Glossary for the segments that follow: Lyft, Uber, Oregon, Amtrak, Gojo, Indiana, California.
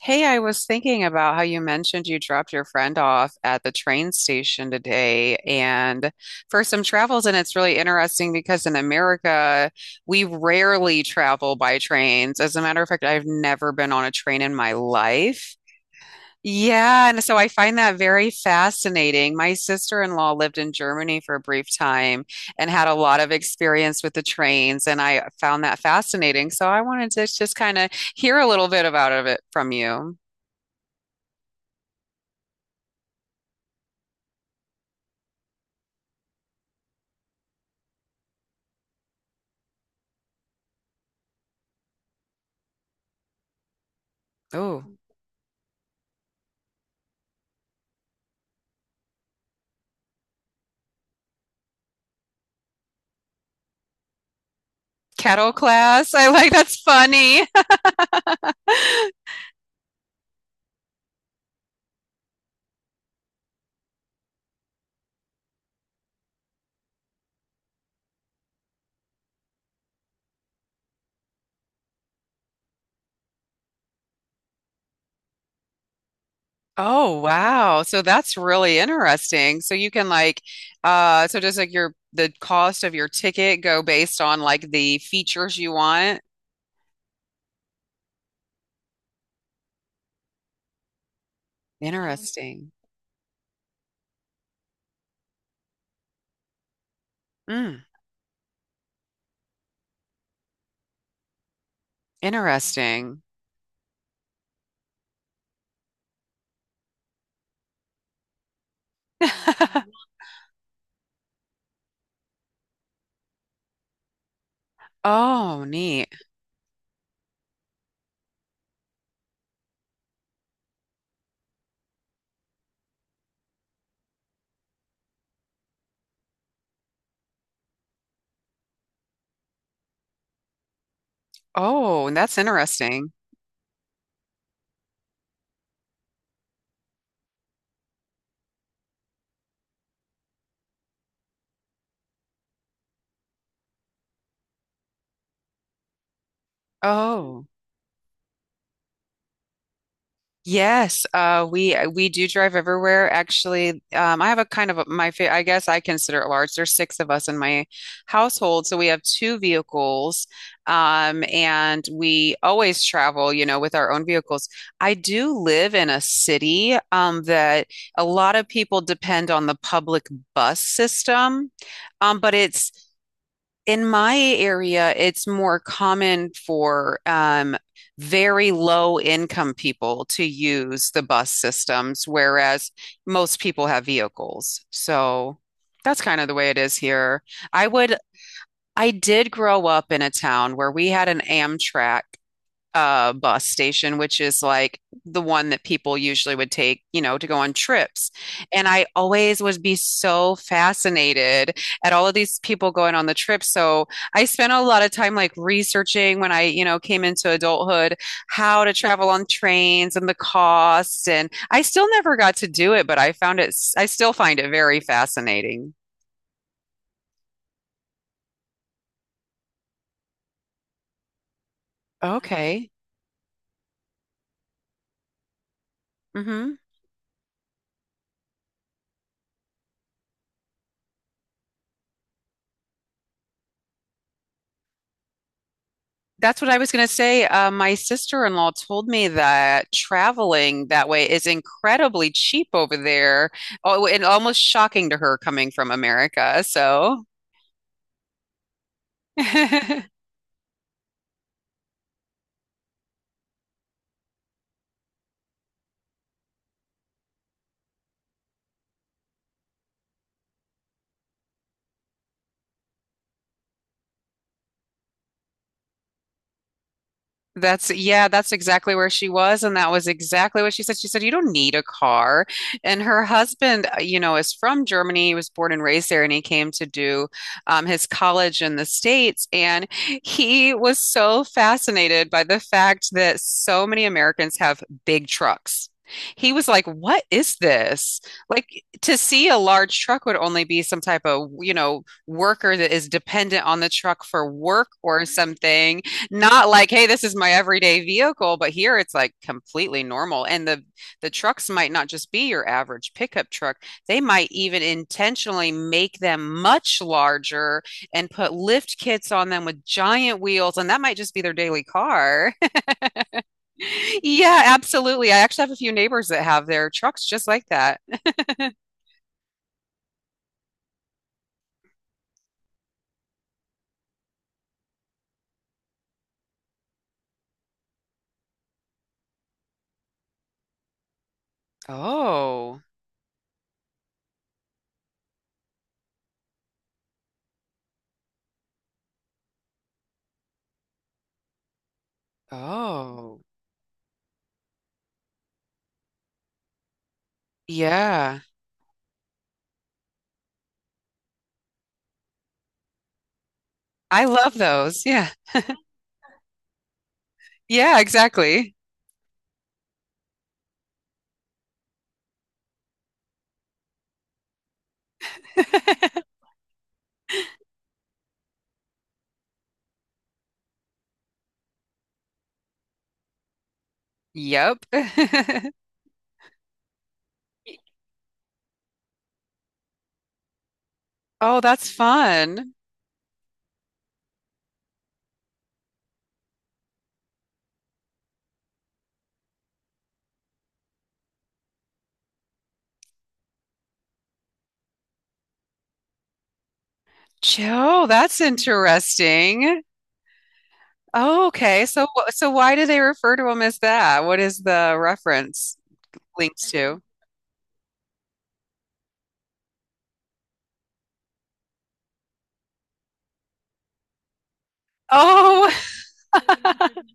Hey, I was thinking about how you mentioned you dropped your friend off at the train station today and for some travels, and it's really interesting because in America, we rarely travel by trains. As a matter of fact, I've never been on a train in my life. Yeah, and so I find that very fascinating. My sister-in-law lived in Germany for a brief time and had a lot of experience with the trains, and I found that fascinating. So I wanted to just kind of hear a little bit about of it from you. Oh, kettle class. I like that's funny. Oh, wow. So that's really interesting. So you can like, so does like your the cost of your ticket go based on like the features you want? Interesting. Mm, interesting. Oh, neat. Oh, that's interesting. Oh. Yes, we do drive everywhere. Actually, I have a kind of a, my fa I guess I consider it large. There's six of us in my household, so we have two vehicles, and we always travel, with our own vehicles. I do live in a city, that a lot of people depend on the public bus system, but it's in my area, it's more common for very low income people to use the bus systems, whereas most people have vehicles. So that's kind of the way it is here. I would, I did grow up in a town where we had an Amtrak bus station, which is like the one that people usually would take, to go on trips. And I always would be so fascinated at all of these people going on the trip. So I spent a lot of time like researching when I, came into adulthood, how to travel on trains and the costs. And I still never got to do it, but I still find it very fascinating. Okay. Hmm. That's what I was going to say. My sister-in-law told me that traveling that way is incredibly cheap over there. Oh, and almost shocking to her coming from America. So, that's, yeah, that's exactly where she was. And that was exactly what she said. She said, "You don't need a car." And her husband, is from Germany. He was born and raised there, and he came to do his college in the States. And he was so fascinated by the fact that so many Americans have big trucks. He was like, "What is this?" Like, to see a large truck would only be some type of, worker that is dependent on the truck for work or something not like, hey, this is my everyday vehicle, but here it's like completely normal. And the trucks might not just be your average pickup truck. They might even intentionally make them much larger and put lift kits on them with giant wheels, and that might just be their daily car. Yeah, absolutely. I actually have a few neighbors that have their trucks just like that. Oh, oh, yeah. I love those. Yeah. Yeah, exactly. Yep. Oh, that's fun. Joe, that's interesting. Oh, okay. So, why do they refer to him as that? What is the reference linked to? Oh,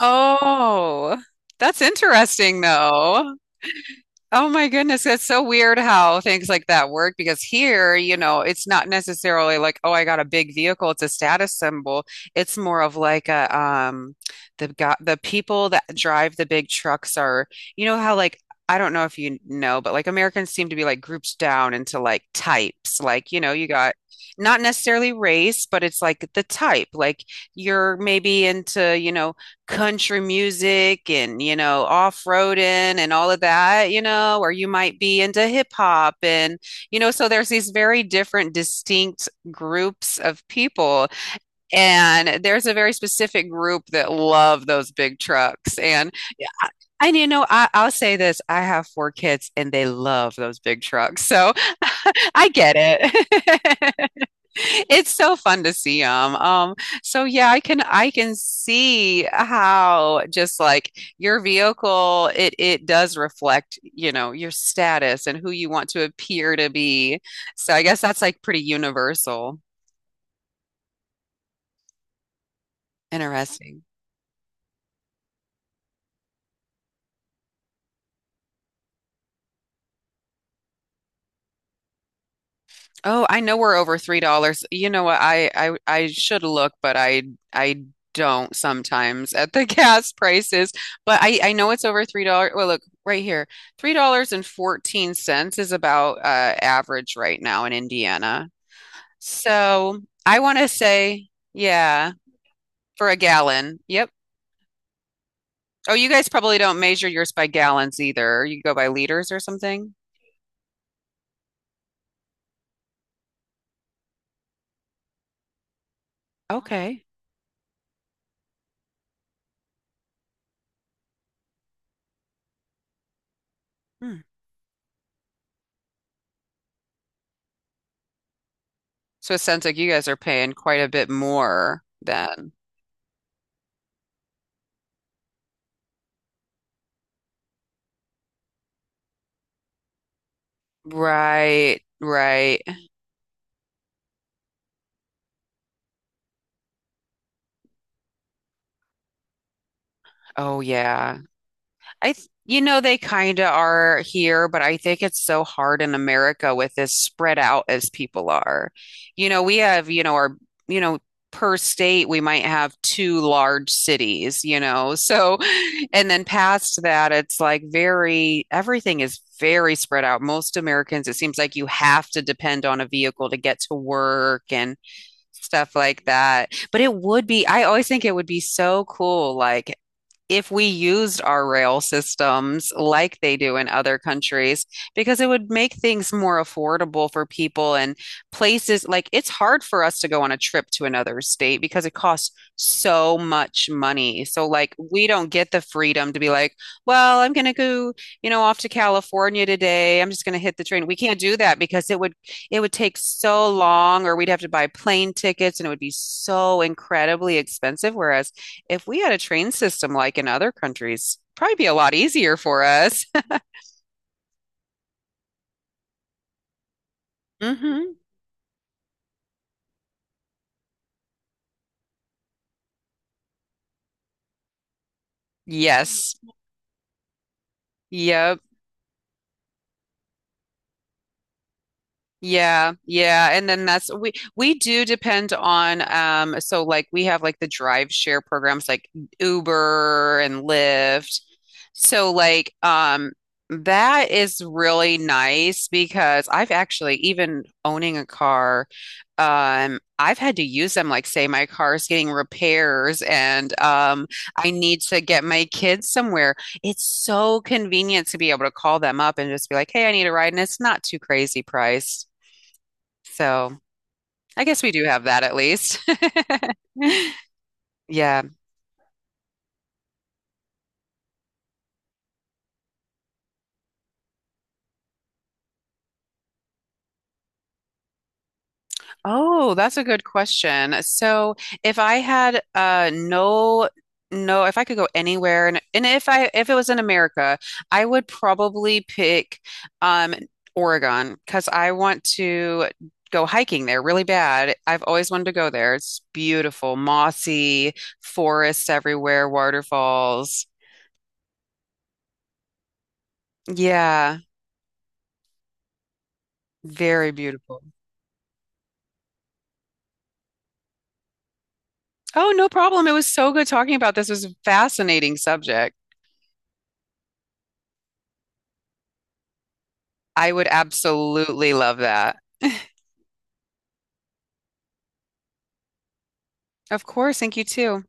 oh, that's interesting, though. Oh my goodness, that's so weird how things like that work because here, it's not necessarily like, oh, I got a big vehicle, it's a status symbol. It's more of like a, the people that drive the big trucks are, you know how, like, I don't know if you know, but like Americans seem to be like grouped down into like types. Like, you got not necessarily race, but it's like the type. Like you're maybe into, country music and off-roading and all of that or you might be into hip hop and so there's these very different distinct groups of people and there's a very specific group that love those big trucks and yeah, and I'll say this I have four kids and they love those big trucks so. I get it. It's so fun to see them. So yeah, I can see how just like your vehicle, it does reflect, your status and who you want to appear to be. So I guess that's like pretty universal. Interesting. Oh, I know we're over $3. You know what? I should look, but I don't sometimes at the gas prices. But I know it's over $3. Well, look right here. $3.14 is about average right now in Indiana. So I want to say, yeah, for a gallon. Yep. Oh, you guys probably don't measure yours by gallons either. You go by liters or something. Okay. Hmm. So it sounds like you guys are paying quite a bit more than. Right, right. Oh yeah. I th you know they kind of are here, but I think it's so hard in America with as spread out as people are. We have, our, you know, per state we might have two large cities. So and then past that it's like very everything is very spread out. Most Americans it seems like you have to depend on a vehicle to get to work and stuff like that. But I always think it would be so cool, like if we used our rail systems like they do in other countries, because it would make things more affordable for people and places like it's hard for us to go on a trip to another state because it costs so much money. So, like, we don't get the freedom to be like, well, I'm going to go, off to California today. I'm just going to hit the train. We can't do that because it would take so long or we'd have to buy plane tickets and it would be so incredibly expensive. Whereas if we had a train system like in other countries, probably be a lot easier for us. Hmm. Yes. Yep. Yeah, yeah, and then that's we do depend on so like we have like the drive share programs like Uber and Lyft. So like that is really nice because I've actually even owning a car I've had to use them like say my car is getting repairs and I need to get my kids somewhere. It's so convenient to be able to call them up and just be like, "Hey, I need a ride," and it's not too crazy priced. So I guess we do have that at least. Yeah. Oh, that's a good question. So if I had, no, no, if I could go anywhere and if it was in America, I would probably pick um Oregon because I want to go hiking there really bad. I've always wanted to go there. It's beautiful, mossy, forests everywhere, waterfalls. Yeah, very beautiful. Oh, no problem. It was so good talking about this. It was a fascinating subject. I would absolutely love that. Of course. Thank you too.